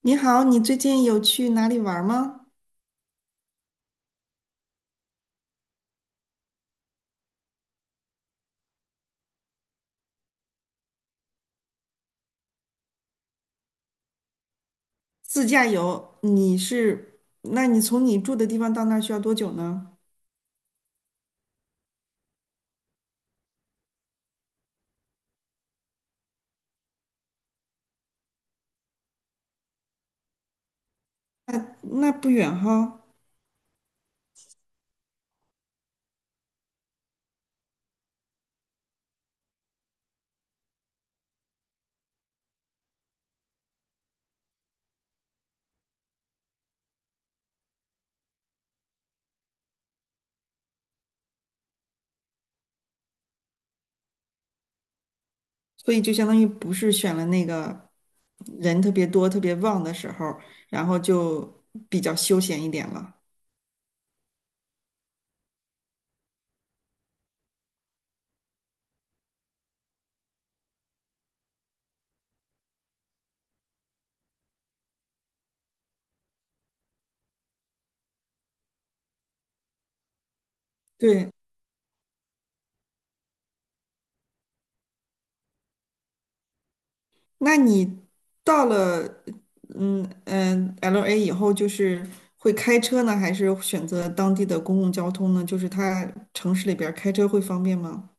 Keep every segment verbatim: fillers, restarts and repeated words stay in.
你好，你最近有去哪里玩儿吗？自驾游，你是，那你从你住的地方到那儿需要多久呢？那那不远哈。所以就相当于不是选了那个人特别多、特别旺的时候，然后就比较休闲一点了。对。那你到了，嗯嗯，L A 以后，就是会开车呢，还是选择当地的公共交通呢？就是它城市里边儿开车会方便吗？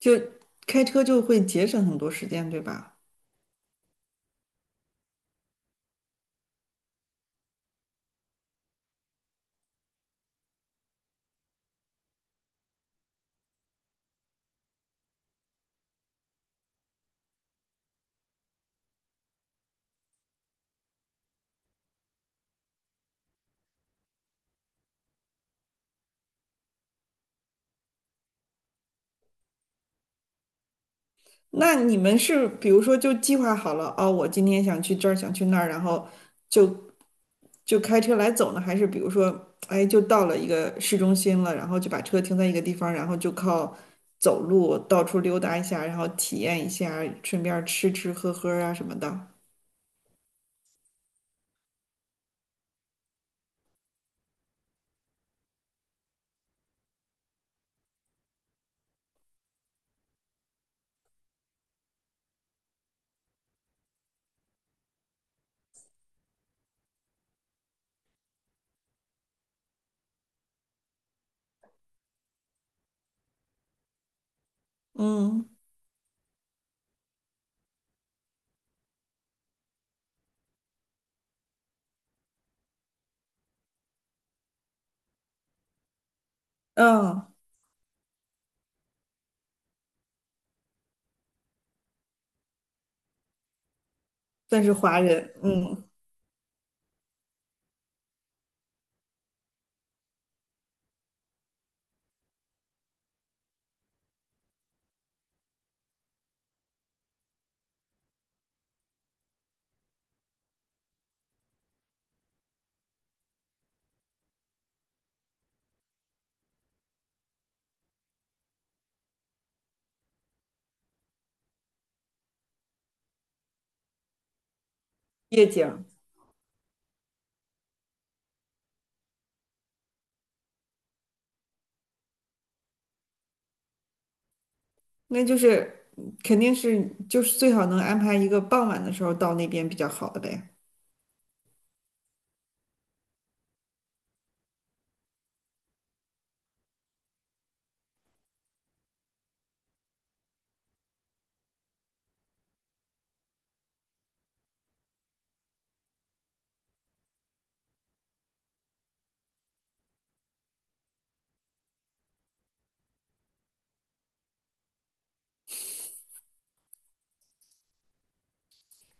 就开车就会节省很多时间，对吧？那你们是比如说就计划好了，哦，我今天想去这儿，想去那儿，然后就就开车来走呢，还是比如说，哎，就到了一个市中心了，然后就把车停在一个地方，然后就靠走路到处溜达一下，然后体验一下，顺便吃吃喝喝啊什么的。嗯嗯，算是华人，嗯，夜景。那就是肯定是就是最好能安排一个傍晚的时候到那边比较好的呗。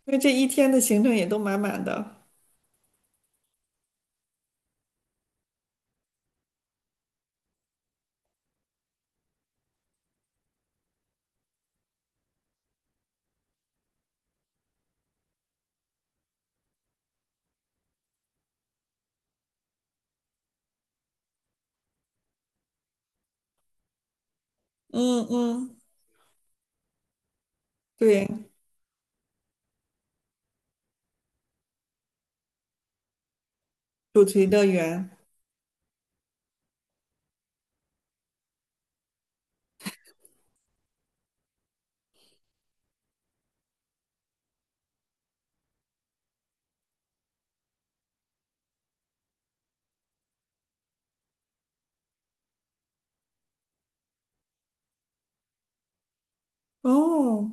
因为这一天的行程也都满满的。嗯嗯。对。主题乐园。哦，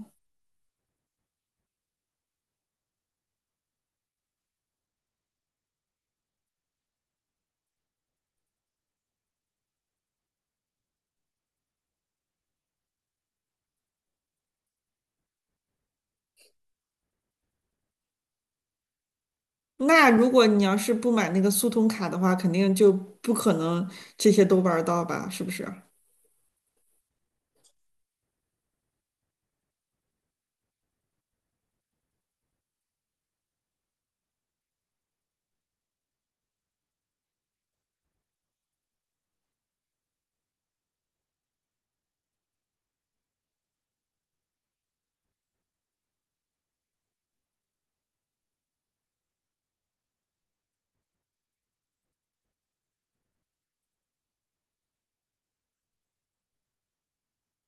那如果你要是不买那个速通卡的话，肯定就不可能这些都玩儿到吧？是不是？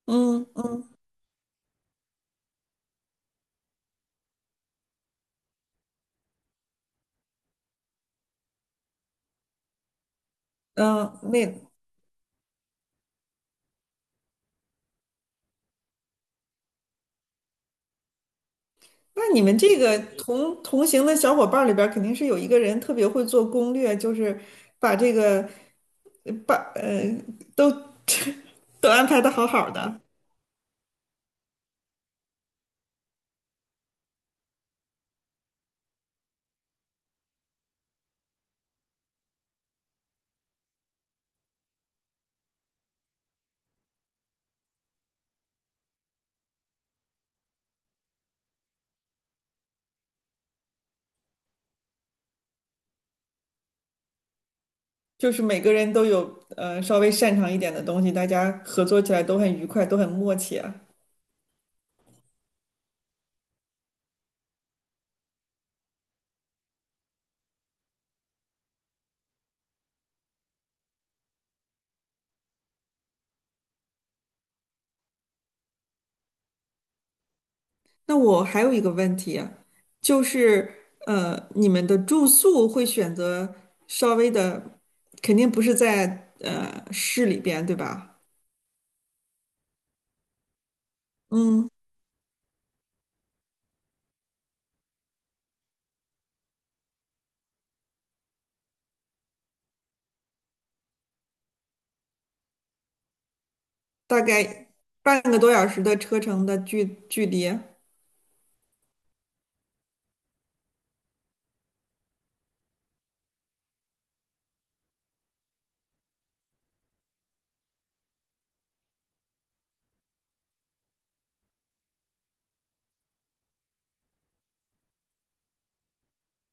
嗯嗯嗯。那那你们这个同同行的小伙伴儿里边儿，肯定是有一个人特别会做攻略，就是把这个把呃。都。都安排的好好的。就是每个人都有呃稍微擅长一点的东西，大家合作起来都很愉快，都很默契啊。那我还有一个问题啊，就是呃，你们的住宿会选择稍微的，肯定不是在呃市里边，对吧？嗯，大概半个多小时的车程的距距离。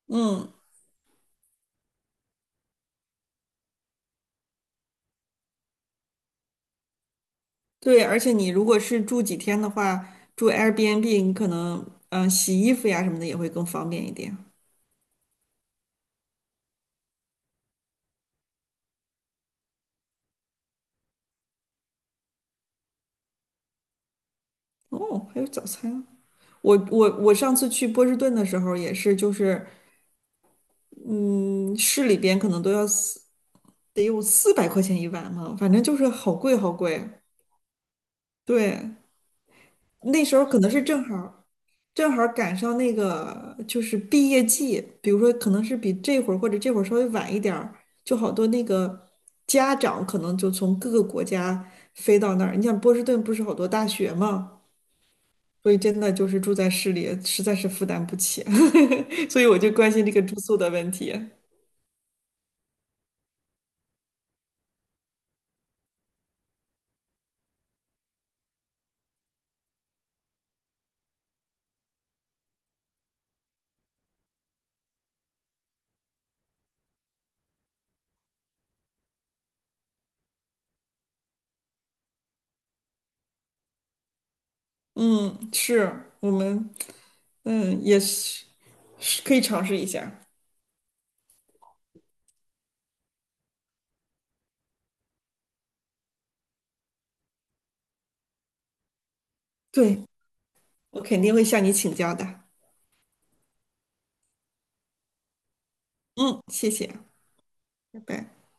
嗯，对，而且你如果是住几天的话，住 Airbnb，你可能嗯、呃洗衣服呀什么的也会更方便一点。哦，还有早餐啊。我我我上次去波士顿的时候也是，就是嗯，市里边可能都要四得有四百块钱一碗嘛，反正就是好贵好贵。对。那时候可能是正好正好赶上那个就是毕业季，比如说可能是比这会儿或者这会儿稍微晚一点儿，就好多那个家长可能就从各个国家飞到那儿。你像波士顿不是好多大学嘛，所以真的就是住在市里实在是负担不起，所以我就关心这个住宿的问题。嗯，是我们，嗯，也是是可以尝试一下。对，我肯定会向你请教的。嗯，谢谢，拜拜。